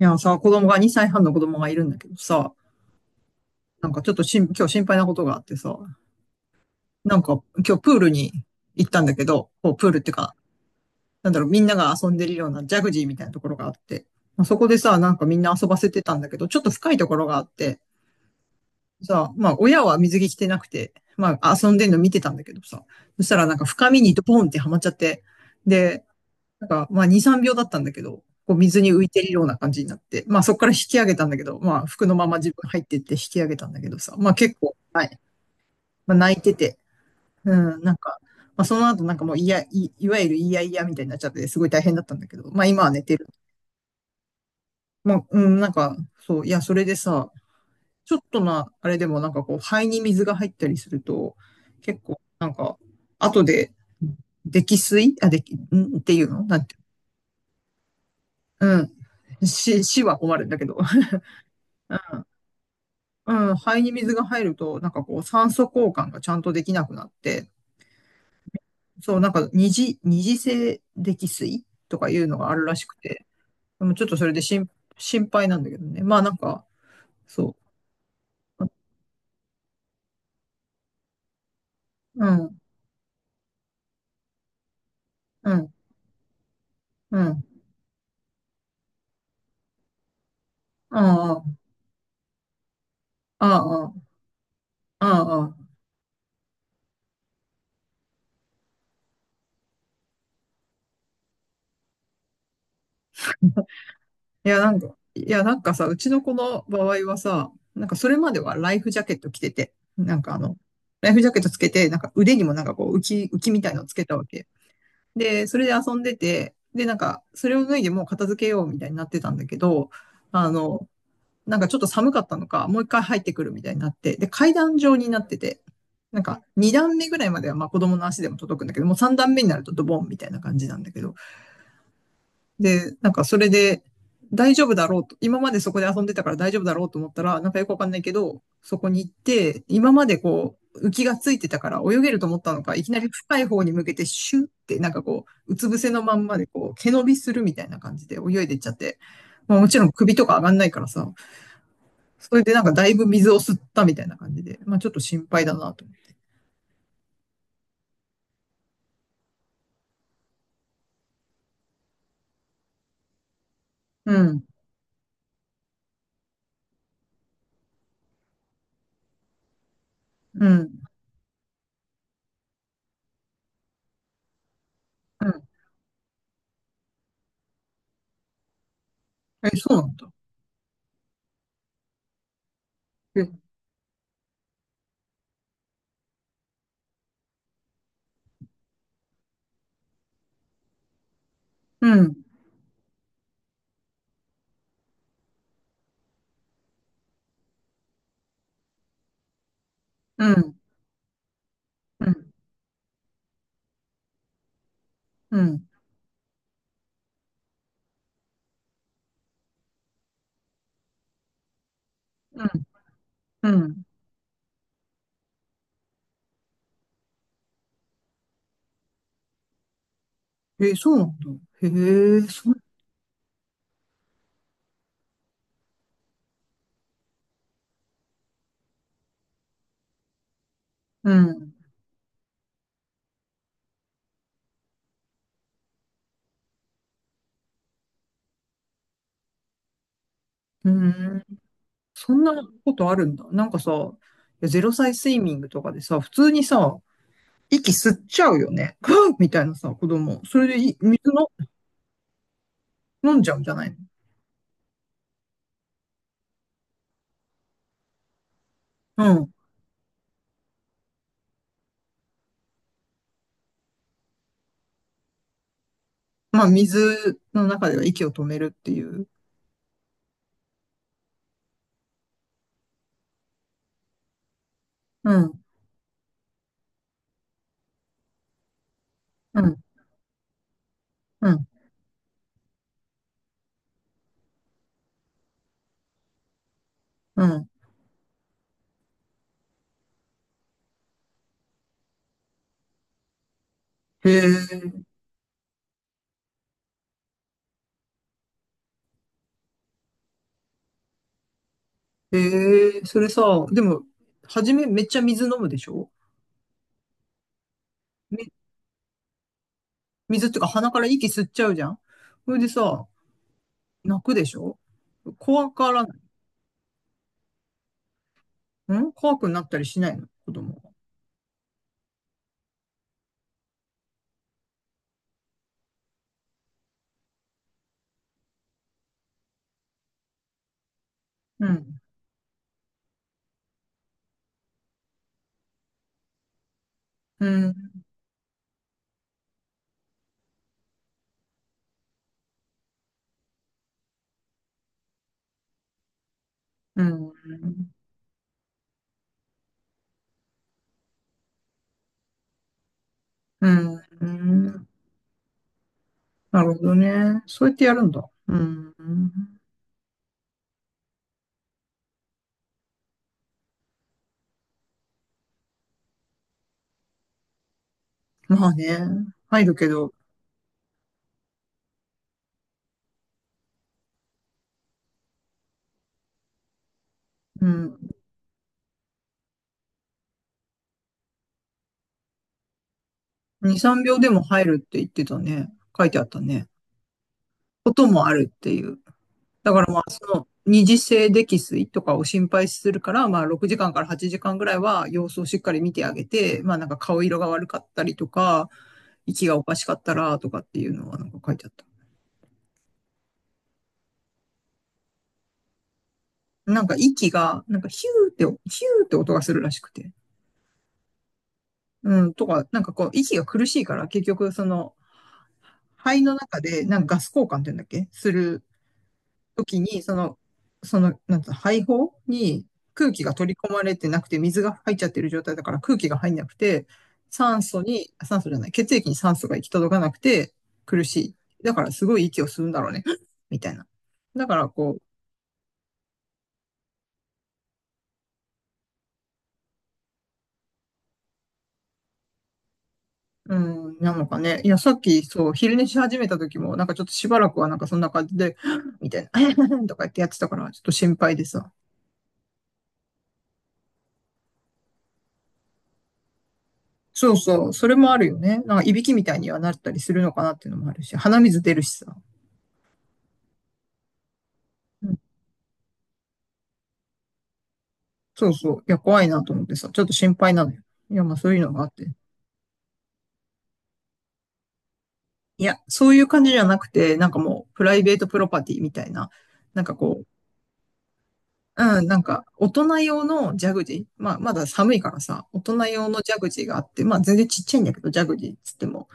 いやさ、子供が、2歳半の子供がいるんだけどさ、なんかちょっと今日心配なことがあってさ、なんか今日プールに行ったんだけど、こうプールっていうか、なんだろう、みんなが遊んでるようなジャグジーみたいなところがあって、まあ、そこでさ、なんかみんな遊ばせてたんだけど、ちょっと深いところがあって、さ、まあ親は水着着てなくて、まあ遊んでんの見てたんだけどさ、そしたらなんか深みにドポンってはまっちゃって、で、なんか、まあ、2、3秒だったんだけど、こう水に浮いてるような感じになって、まあ、そこから引き上げたんだけど、まあ、服のまま自分入ってって引き上げたんだけどさ、まあ、結構、はい。まあ、泣いてて、うん、なんか、まあ、その後なんかもう、いや、いわゆるいやいやみたいになっちゃって、すごい大変だったんだけど、まあ、今は寝てる。まあ、うん、なんか、そう、いや、それでさ、ちょっとな、あれでもなんかこう、肺に水が入ったりすると、結構、なんか、後で、溺水あ、でき、んっていうのなんて、うん。死は困るんだけど。うん、うん、肺に水が入ると、なんかこう、酸素交換がちゃんとできなくなって、そう、なんか二次性溺水とかいうのがあるらしくて、でもちょっとそれで心配なんだけどね。まあなんか、そう。うん、うん、うん。ああ、ああ、ああ。いや、なんか、いや、なんかさ、うちの子の場合はさ、なんかそれまではライフジャケット着てて、なんかあの、ライフジャケットつけて、なんか腕にもなんかこう浮きみたいのつけたわけ。で、それで遊んでて、で、なんか、それを脱いでもう片付けようみたいになってたんだけど、あの、なんかちょっと寒かったのか、もう一回入ってくるみたいになって、で、階段状になってて、なんか、二段目ぐらいまでは、まあ子供の足でも届くんだけど、もう三段目になるとドボンみたいな感じなんだけど、で、なんかそれで大丈夫だろうと、今までそこで遊んでたから大丈夫だろうと思ったら、なんかよくわかんないけど、そこに行って、今までこう、浮きがついてたから泳げると思ったのか、いきなり深い方に向けてシュッって、なんかこう、うつ伏せのまんまでこう、毛伸びするみたいな感じで泳いでいっちゃって、まあもちろん首とか上がんないからさ、それでなんかだいぶ水を吸ったみたいな感じで、まあちょっと心配だなと。うん、うん、うん。え、そうなんだ。え、うん、うん、うん、うん、うん、うん。え、そうなんだ。へえ、うん。うん。そんなことあるんだ。なんかさ、いやゼロ歳スイミングとかでさ、普通にさ、息吸っちゃうよね。ふっみたいなさ、子供。それで水の飲んじゃうんじゃないの。うん。まあ、水の中では息を止めるっていう。うん。うん。うん。うん。へえ、へえ、それさ、でも、初めめっちゃ水飲むでしょ。み水っていうか鼻から息吸っちゃうじゃん。それでさ、泣くでしょ。怖からない。怖くなったりしないの子供は。うん。うん。うん。うん。うんなるほどね。そうやってやるんだ。うん。まあね。入るけど、うん。2、3秒でも入るって言ってたね。書いてあったね。こともあるっていう。二次性溺水とかを心配するから、まあ6時間から8時間ぐらいは様子をしっかり見てあげて、まあなんか顔色が悪かったりとか、息がおかしかったらとかっていうのはなんか書いてあった。なんか息が、なんかヒューって、ヒューって音がするらしくて。うん、とか、なんかこう、息が苦しいから、結局、その、肺の中で、なんかガス交換って言うんだっけするときに、その、なんつうの、肺胞に空気が取り込まれてなくて、水が入っちゃってる状態だから空気が入んなくて、酸素に、酸素じゃない、血液に酸素が行き届かなくて苦しい。だからすごい息を吸うんだろうね。みたいな。だからこう、うん、なのかね。いや、さっき、そう、昼寝し始めた時も、なんかちょっとしばらくはなんかそんな感じで、みたいな、とか言ってやってたから、ちょっと心配でさ。そうそう、それもあるよね。なんか、いびきみたいにはなったりするのかなっていうのもあるし、鼻水出るしさ。うん、そうそう、いや、怖いなと思ってさ、ちょっと心配なのよ。いや、まあそういうのがあって。いや、そういう感じじゃなくて、なんかもう、プライベートプロパティみたいな、なんかこう、うん、なんか、大人用のジャグジー。まあ、まだ寒いからさ、大人用のジャグジーがあって、まあ、全然ちっちゃいんだけど、ジャグジーっつっても。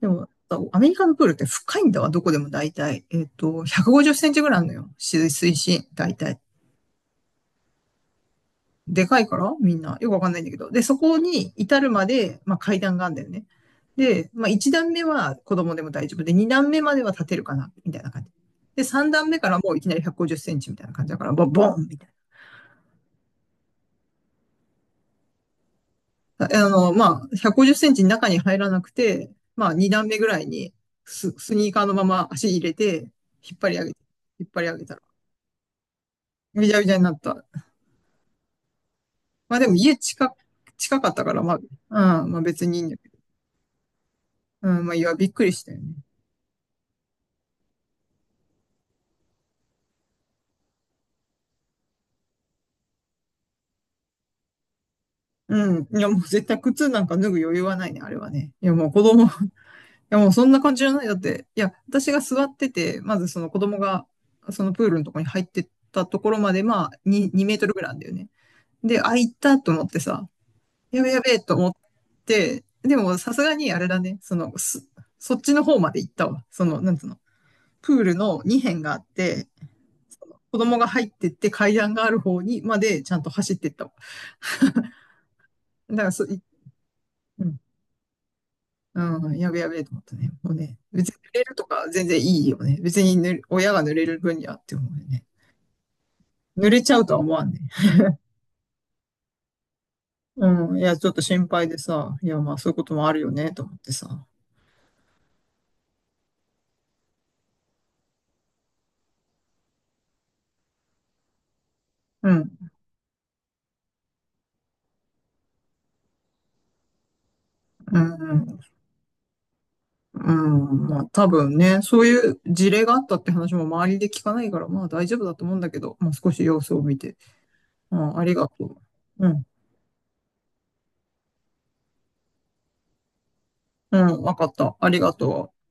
でも、アメリカのプールって深いんだわ、どこでも大体。えっと、150センチぐらいあるのよ。水深、大体。でかいから、みんな。よくわかんないんだけど。で、そこに至るまで、まあ、階段があるんだよね。で、まあ、1段目は子供でも大丈夫で、2段目までは立てるかな、みたいな感じ。で、3段目からもういきなり150センチみたいな感じだから、ボボンみたいな。あの、まあ、150センチ中に入らなくて、まあ、2段目ぐらいにスニーカーのまま足入れて、引っ張り上げて、引っ張り上げたら、びちゃびちゃになった。まあ、でも近かったから、まあ、うん、まあ別にいいんだけど。うん、まあ、いや、びっくりしたよね。うん。いや、もう絶対靴なんか脱ぐ余裕はないね、あれはね。いや、もう子供、いや、もうそんな感じじゃない。だって、いや、私が座ってて、まずその子供が、そのプールのとこに入ってったところまで、まあ、2、2メートルぐらいなんだよね。で、あ、行ったと思ってさ、やべやべと思って、でもさすがにあれだね、その、そっちの方まで行ったわ。その、なんつうの、プールの2辺があって、子供が入ってって階段がある方にまでちゃんと走ってったわ。だからうん、うん、やべやべと思ったね。もうね、別に濡れるとか全然いいよね。別に親が濡れる分にはって思うよね。濡れちゃうとは思わんね。うん、いや、ちょっと心配でさ、いや、まあそういうこともあるよね、と思ってさ。うん、うん、うん。うん、まあ多分ね、そういう事例があったって話も周りで聞かないから、まあ大丈夫だと思うんだけど、まあ少し様子を見て。うん、ありがとう。うん、うん、わかった。ありがとう。